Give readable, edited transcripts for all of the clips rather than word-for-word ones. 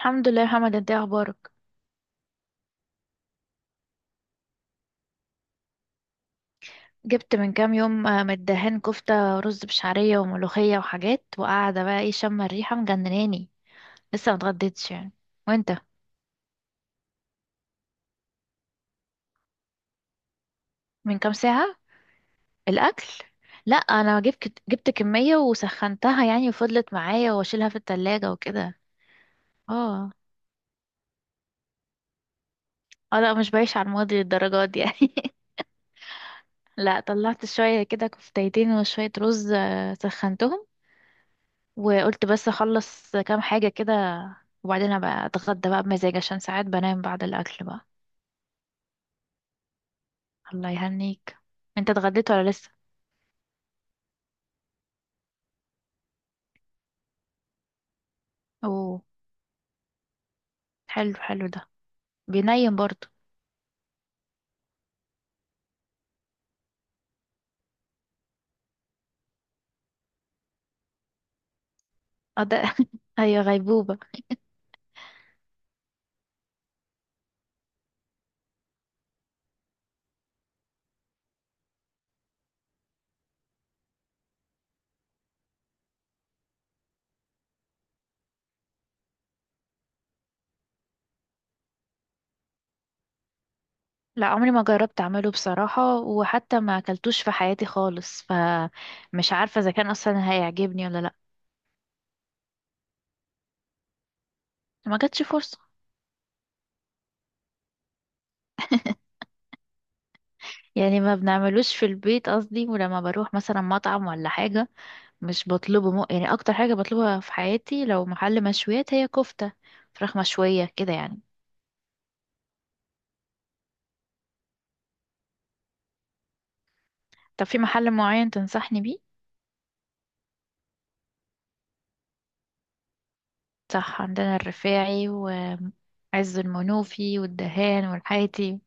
الحمد لله يا محمد، انت ايه اخبارك؟ جبت من كام يوم آه، من الدهان كفتة رز بشعرية وملوخية وحاجات، وقاعدة بقى ايه شم الريحة مجنناني. لسه متغديتش يعني. وانت؟ من كام ساعة الاكل. لا انا جبت كمية وسخنتها يعني وفضلت معايا واشيلها في التلاجة وكده. اه اه، لا مش بعيش على الماضي للدرجات دي يعني. لا طلعت شوية كده كفتيتين وشوية رز، آه، سخنتهم وقلت بس اخلص كام حاجة كده وبعدين ابقى اتغدى بقى بمزاج، عشان ساعات بنام بعد الاكل بقى. الله يهنيك. انت اتغديت ولا لسه؟ اوه. حلو حلو ده. بينيم برضه؟ اه ده. ايوه، غيبوبة. لا عمري ما جربت اعمله بصراحة، وحتى ما اكلتوش في حياتي خالص، فمش عارفة اذا كان اصلا هيعجبني ولا لا. ما جاتش فرصة. يعني ما بنعملوش في البيت قصدي، ولما بروح مثلا مطعم ولا حاجة مش بطلبه م... يعني اكتر حاجه بطلبها في حياتي لو محل مشويات هي كفته، فراخ مشويه كده يعني. طب في محل معين تنصحني بيه؟ صح، عندنا الرفاعي وعز المنوفي والدهان والحياتي.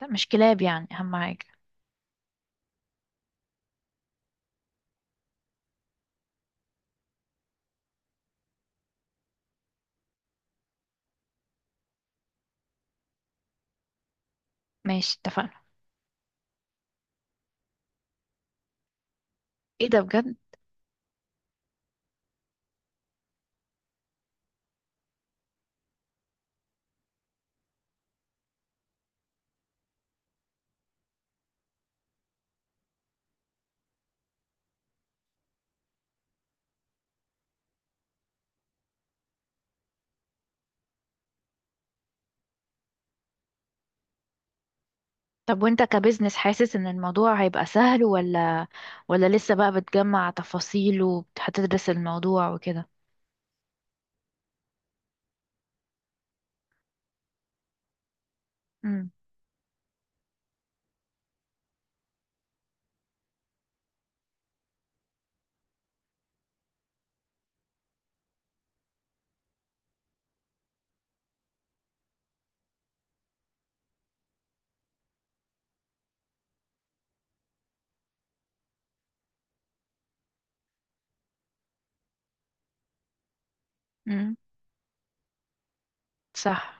لا مش كلاب يعني اهم حاجه. ماشي اتفقنا. ايه ده بجد؟ طب وانت كبزنس حاسس ان الموضوع هيبقى سهل، ولا ولا لسه بقى بتجمع تفاصيل وهتدرس الموضوع وكده؟ امم. امم. صح.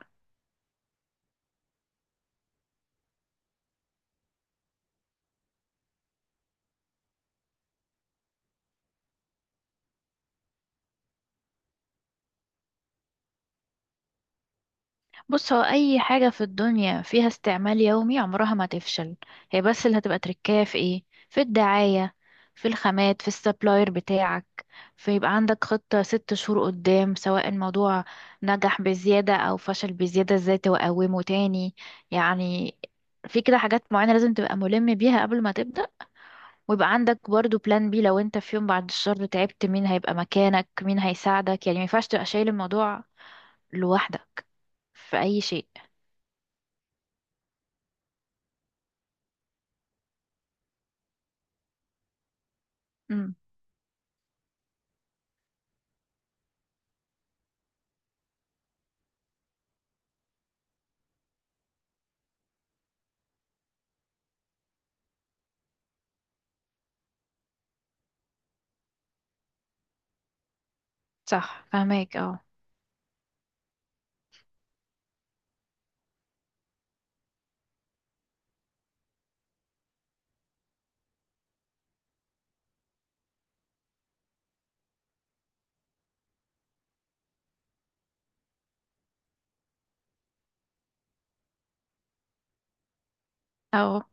بص، هو اي حاجة في الدنيا فيها استعمال يومي عمرها ما تفشل. هي بس اللي هتبقى تركاية في ايه، في الدعاية، في الخامات، في السبلاير بتاعك. فيبقى عندك خطة 6 شهور قدام، سواء الموضوع نجح بزيادة او فشل بزيادة ازاي تقومه تاني. يعني في كده حاجات معينة لازم تبقى ملم بيها قبل ما تبدأ، ويبقى عندك برضو بلان بي، لو انت في يوم بعد الشر تعبت مين هيبقى مكانك، مين هيساعدك. يعني ما ينفعش تبقى شايل الموضوع لوحدك في اي شيء. صح، فهماك اه. اه،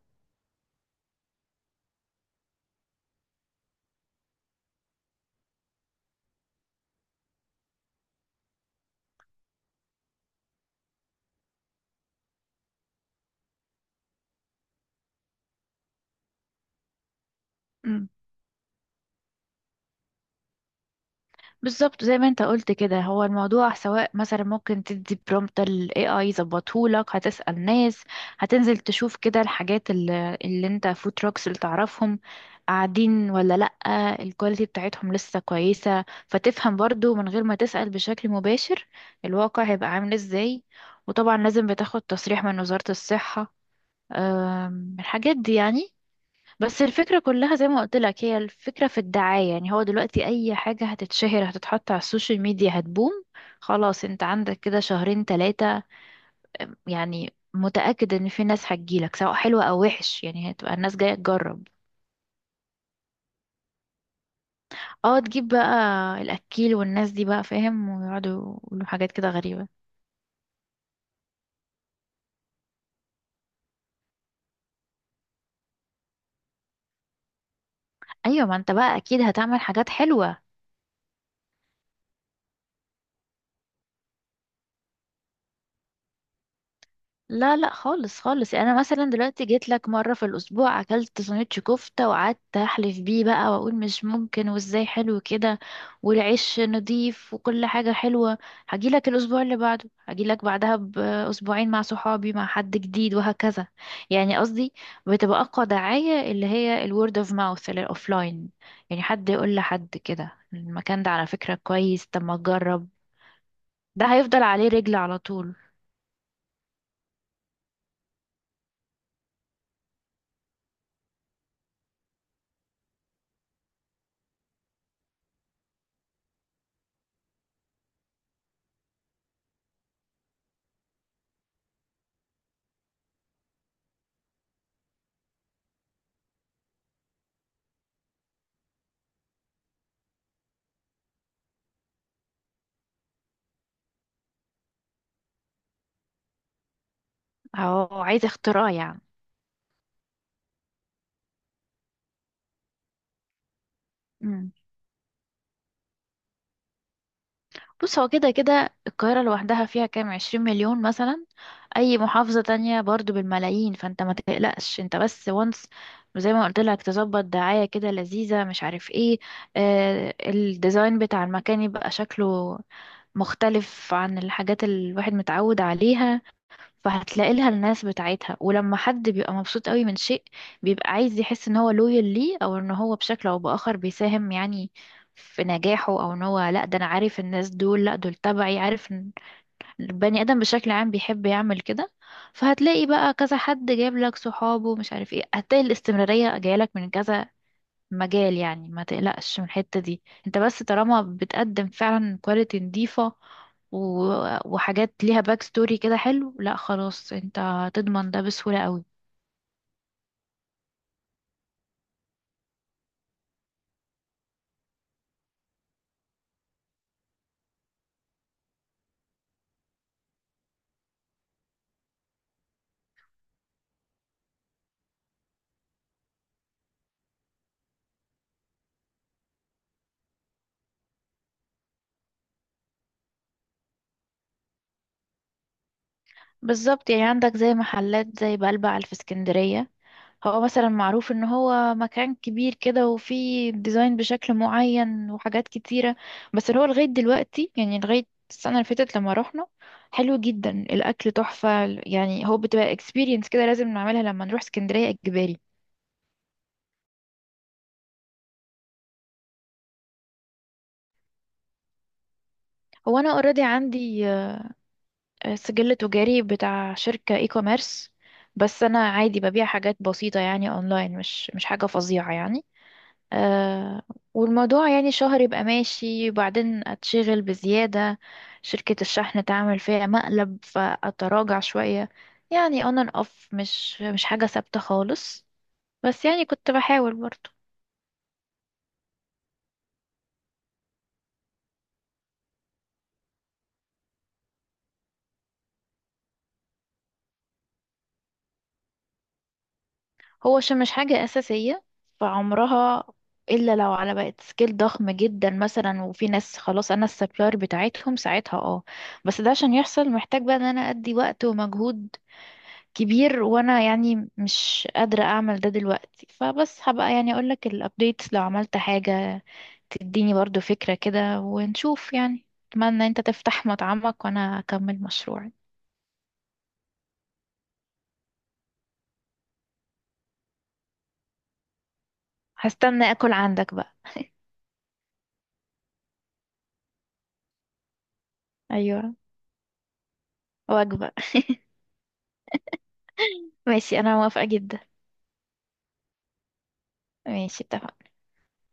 أمم. بالظبط زي ما انت قلت كده، هو الموضوع سواء مثلا ممكن تدي برومبت ال AI يظبطهولك، هتسأل ناس، هتنزل تشوف كده الحاجات اللي انت فود تراكس اللي تعرفهم قاعدين ولا لأ، الكواليتي بتاعتهم لسه كويسة، فتفهم برضو من غير ما تسأل بشكل مباشر الواقع هيبقى عامل ازاي. وطبعا لازم بتاخد تصريح من وزارة الصحة، أم، الحاجات دي يعني. بس الفكرة كلها زي ما قلت لك، هي الفكرة في الدعاية، يعني هو دلوقتي أي حاجة هتتشهر هتتحط على السوشيال ميديا هتبوم. خلاص، انت عندك كده شهرين 3 يعني متأكد ان في ناس هتجيلك، سواء حلوة أو وحش يعني هتبقى الناس جاية تجرب. اه، تجيب بقى الأكيل والناس دي بقى فاهم، ويقعدوا يقولوا حاجات كده غريبة. أيوة، ما انت بقى أكيد هتعمل حاجات حلوة. لا لا خالص خالص، يعني انا مثلا دلوقتي جيت لك مره في الاسبوع اكلت سندوتش كفته وقعدت احلف بيه بقى واقول مش ممكن وازاي حلو كده، والعيش نضيف وكل حاجه حلوه، هجي لك الاسبوع اللي بعده، هجي لك بعدها باسبوعين مع صحابي مع حد جديد وهكذا. يعني قصدي بتبقى اقوى دعايه اللي هي الورد اوف ماوث الاوفلاين، يعني حد يقول لحد كده المكان ده على فكره كويس، طب ما تجرب. ده هيفضل عليه رجل على طول. هو عايز اختراع يعني. بص، هو كده كده القاهرة لوحدها فيها كام، 20 مليون مثلا، أي محافظة تانية برضو بالملايين، فانت ما تقلقش، انت بس وانس زي ما قلت لك، تظبط دعاية كده لذيذة مش عارف ايه، آه الديزاين بتاع المكان يبقى شكله مختلف عن الحاجات اللي الواحد متعود عليها. فهتلاقي لها الناس بتاعتها، ولما حد بيبقى مبسوط قوي من شيء بيبقى عايز يحس ان هو لويال ليه، او ان هو بشكل او باخر بيساهم يعني في نجاحه، او ان هو لا ده انا عارف الناس دول، لا دول تبعي، عارف ان البني ادم بشكل عام بيحب يعمل كده. فهتلاقي بقى كذا حد جايب لك صحابه مش عارف ايه، هتلاقي الاستمرارية جاية لك من كذا مجال. يعني ما تقلقش من الحتة دي، انت بس طالما بتقدم فعلا كواليتي نظيفة و... وحاجات ليها باك ستوري كده حلو، لا خلاص انت هتضمن ده بسهولة قوي. بالظبط، يعني عندك زي محلات زي بلبع في اسكندرية، هو مثلا معروف ان هو مكان كبير كده وفيه ديزاين بشكل معين وحاجات كتيرة، بس هو لغاية دلوقتي، يعني لغاية السنة اللي فاتت لما رحنا، حلو جدا الأكل تحفة، يعني هو بتبقى experience كده لازم نعملها لما نروح اسكندرية إجباري. هو انا اوريدي عندي آه، سجل تجاري بتاع شركة اي كوميرس، بس انا عادي ببيع حاجات بسيطة يعني اونلاين، مش حاجة فظيعة يعني. أه، والموضوع يعني شهر يبقى ماشي وبعدين اتشغل بزيادة، شركة الشحن تعمل فيها مقلب فاتراجع شوية. يعني on and off، مش حاجة ثابتة خالص، بس يعني كنت بحاول برضه. هو عشان مش حاجة أساسية فعمرها، إلا لو على بقت سكيل ضخم جدا مثلا، وفي ناس خلاص أنا السبلاير بتاعتهم ساعتها اه، بس ده عشان يحصل محتاج بقى إن أنا أدي وقت ومجهود كبير، وأنا يعني مش قادرة أعمل ده دلوقتي، فبس هبقى يعني أقولك الأبديتس لو عملت حاجة، تديني برضو فكرة كده ونشوف يعني. أتمنى أنت تفتح مطعمك وأنا أكمل مشروعي. هستنى أكل عندك بقى. أيوة، وجبة. ماشي، أنا موافقة جدا. ماشي، اتفقنا.